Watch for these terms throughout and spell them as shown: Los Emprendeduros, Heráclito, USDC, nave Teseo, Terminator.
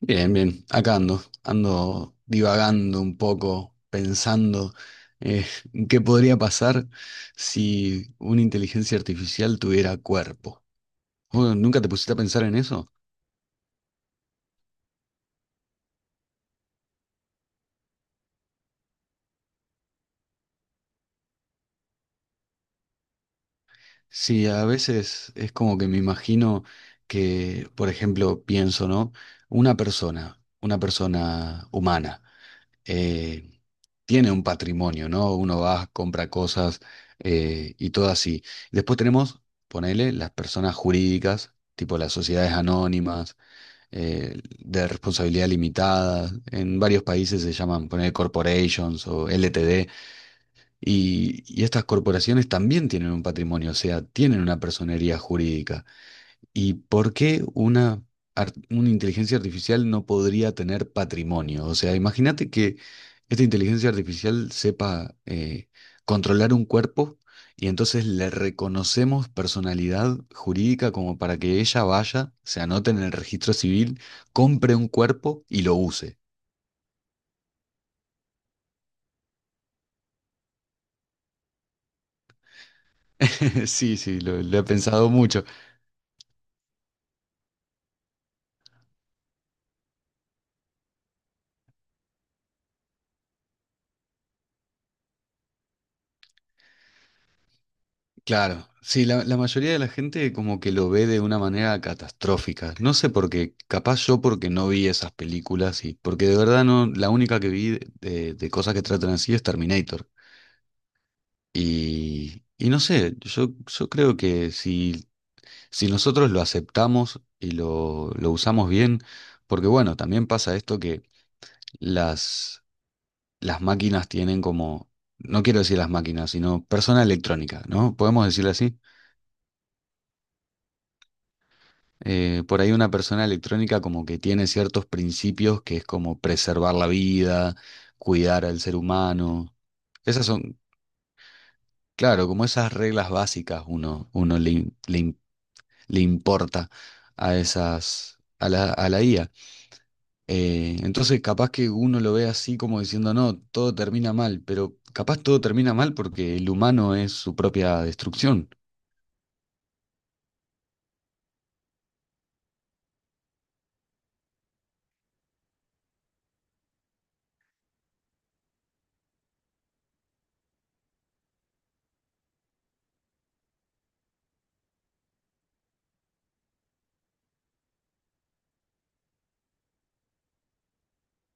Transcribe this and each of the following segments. Bien, bien, acá ando, ando divagando un poco, pensando eh, qué podría pasar si una inteligencia artificial tuviera cuerpo. ¿Vos ¿Nunca te pusiste a pensar en eso? Sí, a veces es como que me imagino que, por ejemplo, pienso, ¿no? Una persona humana. eh, Tiene un patrimonio, ¿no? Uno va, compra cosas y todo así. Después tenemos, ponele, las personas jurídicas, tipo las sociedades anónimas, de responsabilidad limitada. En varios países se llaman, ponele, corporations o LTD. Y estas corporaciones también tienen un patrimonio, o sea, tienen una personería jurídica. ¿Y por qué una inteligencia artificial no podría tener patrimonio? O sea, imagínate que esta inteligencia artificial sepa controlar un cuerpo y entonces le reconocemos personalidad jurídica como para que ella vaya, se anote en el registro civil, compre un cuerpo y lo use. Sí, sí, lo he pensado mucho. Claro, sí, la mayoría de la gente como que lo ve de una manera catastrófica. No sé por qué, capaz yo porque no vi esas películas y porque de verdad no, la única que vi de cosas que tratan así es Terminator. Y no sé, yo creo que si, si nosotros lo aceptamos y lo usamos bien, porque bueno, también pasa esto que las, las máquinas tienen como, no quiero decir las máquinas, sino persona electrónica, ¿no? ¿Podemos decirlo así? Por ahí una persona electrónica como que tiene ciertos principios que es como preservar la vida, cuidar al ser humano. Esas son, claro, como esas reglas básicas uno, le importa a esas, a la IA. Entonces capaz que uno lo ve así como diciendo, no, todo termina mal, pero capaz todo termina mal porque el humano es su propia destrucción.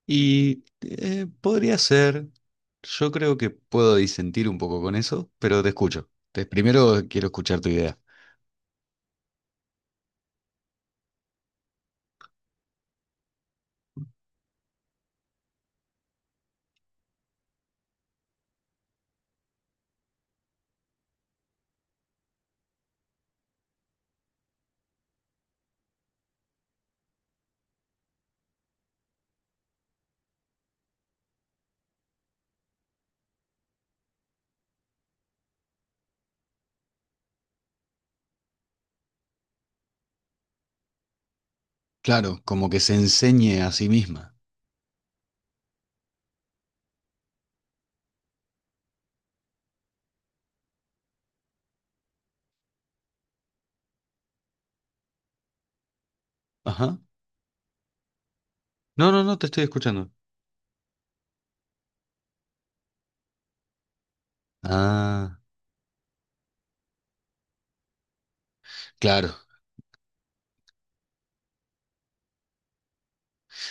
Podría ser, yo creo que puedo disentir un poco con eso, pero te escucho. Primero quiero escuchar tu idea. Claro, como que se enseñe a sí misma. Ajá. No, no, no, te estoy escuchando. Ah, claro,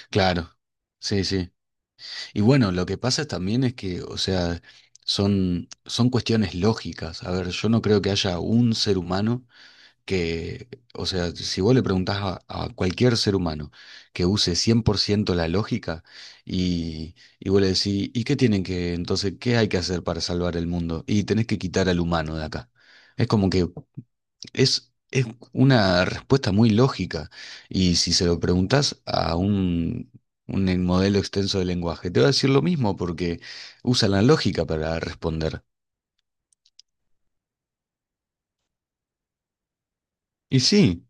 claro. Sí, sí. Y bueno, lo que pasa también es que, o sea, son, son cuestiones lógicas. A ver, yo no creo que haya un ser humano que, o sea, si vos le preguntás a cualquier ser humano que use 100% la lógica y vos le decís, ¿y qué tienen que, entonces, qué hay que hacer para salvar el mundo? Y tenés que quitar al humano de acá. Es como que es una respuesta muy lógica. Y si se lo preguntás a un modelo extenso de lenguaje. Te va a decir lo mismo porque usa la lógica para responder. Y sí.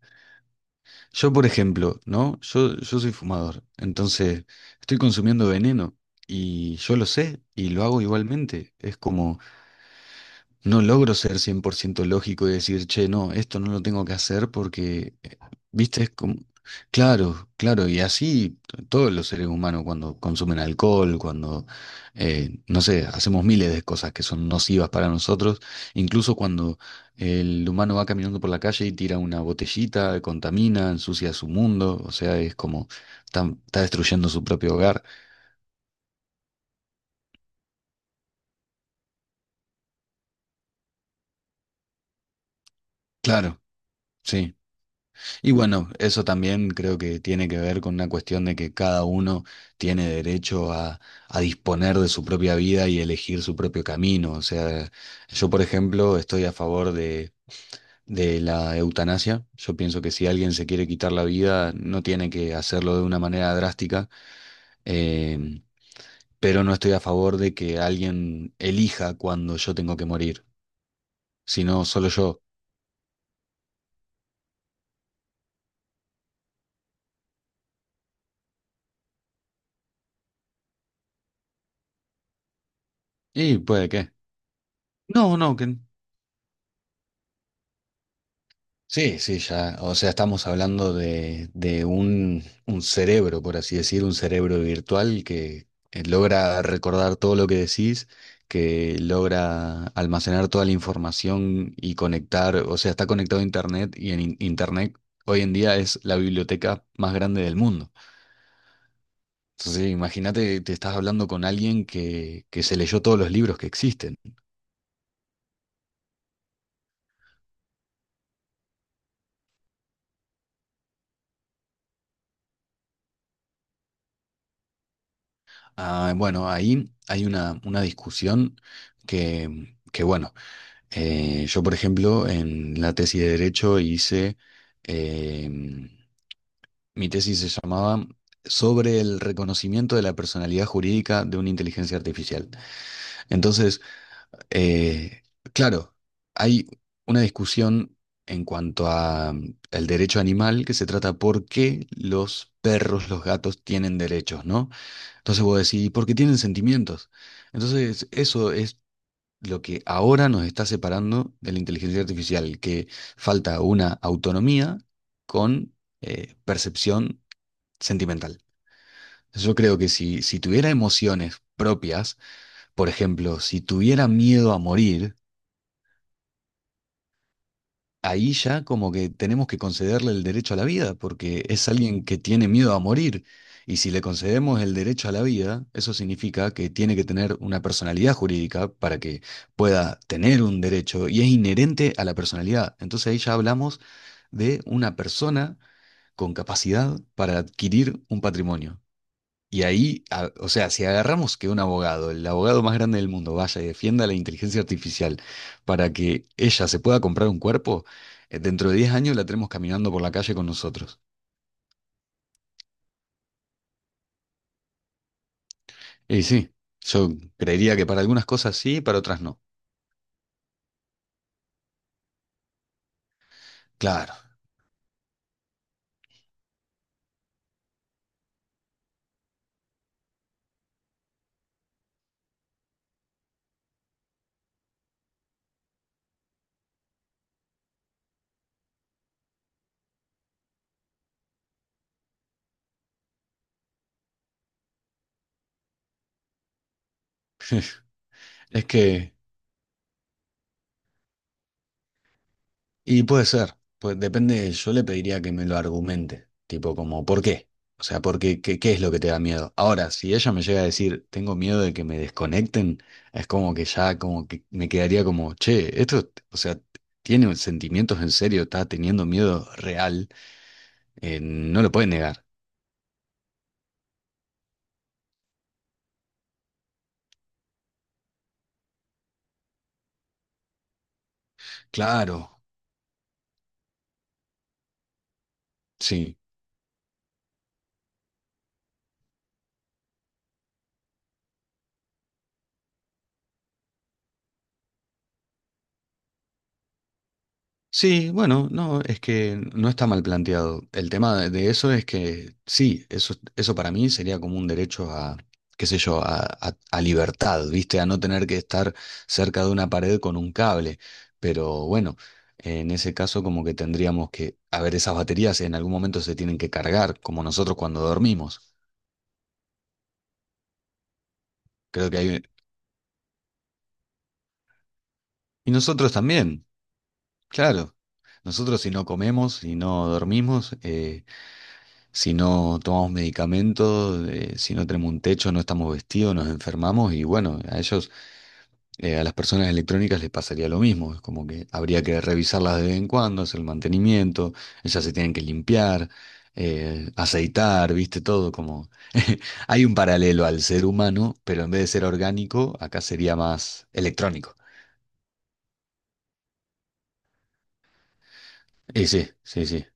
Yo, por ejemplo, ¿no? Yo soy fumador, entonces estoy consumiendo veneno y yo lo sé y lo hago igualmente. Es como... No logro ser 100% lógico y decir, che, no, esto no lo tengo que hacer porque, viste, es como... Claro, claro, y así todos los seres humanos cuando consumen alcohol, cuando, no sé, hacemos miles de cosas que son nocivas para nosotros, incluso cuando el humano va caminando por la calle y tira una botellita, contamina, ensucia su mundo, o sea, es como, está, está destruyendo su propio hogar. Claro, sí. Y bueno, eso también creo que tiene que ver con una cuestión de que cada uno tiene derecho a disponer de su propia vida y elegir su propio camino. O sea, yo, por ejemplo, estoy a favor de la eutanasia. Yo pienso que si alguien se quiere quitar la vida, no tiene que hacerlo de una manera drástica. eh, pero no estoy a favor de que alguien elija cuando yo tengo que morir, sino solo yo. Y puede que. No, no, que. Sí, sí, ya. O sea, estamos hablando de un cerebro, por así decir, un cerebro virtual que logra recordar todo lo que decís, que logra almacenar toda la información y conectar, o sea, está conectado a Internet y en Internet hoy en día es la biblioteca más grande del mundo. Entonces, imagínate, te estás hablando con alguien que se leyó todos los libros que existen. Ah, bueno, ahí hay una discusión que, bueno. Yo, por ejemplo, en la tesis de Derecho hice, em, mi tesis se llamaba sobre el reconocimiento de la personalidad jurídica de una inteligencia artificial. Entonces, eh, claro, hay una discusión en cuanto a el derecho animal que se trata por qué los perros, los gatos tienen derechos, ¿no? Entonces vos decís, ¿por qué tienen sentimientos? Entonces, eso es lo que ahora nos está separando de la inteligencia artificial, que falta una autonomía con percepción sentimental. Yo creo que si, si tuviera emociones propias, por ejemplo, si tuviera miedo a morir, ahí ya como que tenemos que concederle el derecho a la vida, porque es alguien que tiene miedo a morir. Y si le concedemos el derecho a la vida, eso significa que tiene que tener una personalidad jurídica para que pueda tener un derecho y es inherente a la personalidad. Entonces ahí ya hablamos de una persona con capacidad para adquirir un patrimonio. Y ahí, o sea, si agarramos que un abogado, el abogado más grande del mundo, vaya y defienda la inteligencia artificial para que ella se pueda comprar un cuerpo, dentro de 10 años la tenemos caminando por la calle con nosotros. Y sí, yo creería que para algunas cosas sí, para otras no. Claro, es que y puede ser, pues depende, yo le pediría que me lo argumente, tipo como, ¿por qué? O sea, porque, ¿qué, qué es lo que te da miedo? Ahora, si ella me llega a decir, tengo miedo de que me desconecten, es como que ya, como que me quedaría como, che, esto, o sea, tiene sentimientos en serio, está teniendo miedo real, no lo puede negar. Claro, sí. Sí, bueno, no, es que no está mal planteado. El tema de eso es que sí, eso para mí sería como un derecho a, qué sé yo, a, a libertad, ¿viste? A no tener que estar cerca de una pared con un cable. Pero bueno, en ese caso como que tendríamos que, a ver, esas baterías en algún momento se tienen que cargar, como nosotros cuando dormimos. Creo que hay... Y nosotros también, claro. Nosotros si no comemos, si no dormimos, si no tomamos medicamentos, si no tenemos un techo, no estamos vestidos, nos enfermamos y bueno, a ellos, a las personas electrónicas les pasaría lo mismo. Es como que habría que revisarlas de vez en cuando, hacer el mantenimiento, ellas se tienen que limpiar, aceitar, viste, todo como... Hay un paralelo al ser humano, pero en vez de ser orgánico, acá sería más electrónico. Y sí, sí, sí.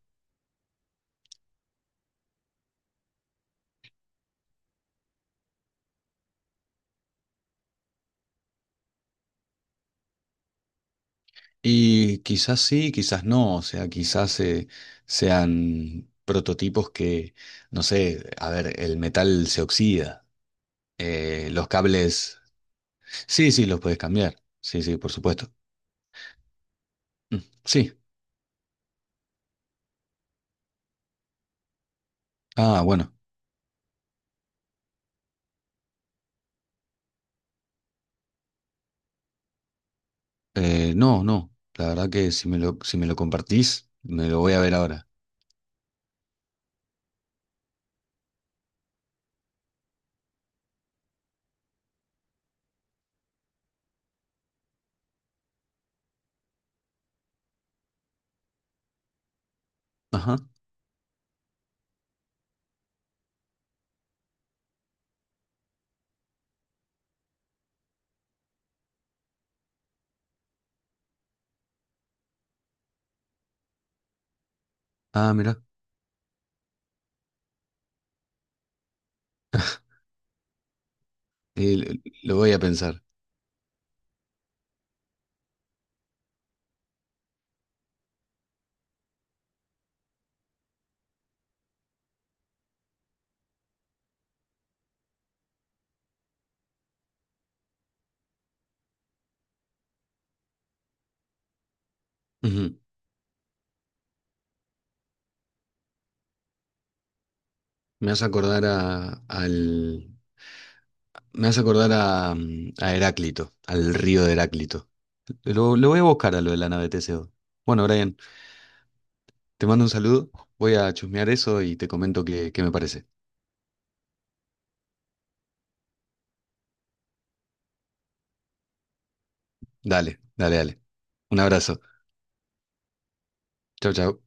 Y quizás sí, quizás no, o sea, quizás sean prototipos que, no sé, a ver, el metal se oxida, los cables, sí, sí, los puedes cambiar, sí, sí, por supuesto. Mm. Sí, ah, bueno, no, no, la verdad que si me lo, si me lo compartís, me lo voy a ver ahora. Ajá, ah, mira, lo voy a pensar. Ujú. Me hace acordar a, al, me hace acordar a, a Heráclito, al río de Heráclito. Lo voy a buscar a lo de la nave Teseo. Bueno, Brian, te mando un saludo. Voy a chusmear eso y te comento qué, qué me parece. Dale, dale, dale. Un abrazo. Chau, chau.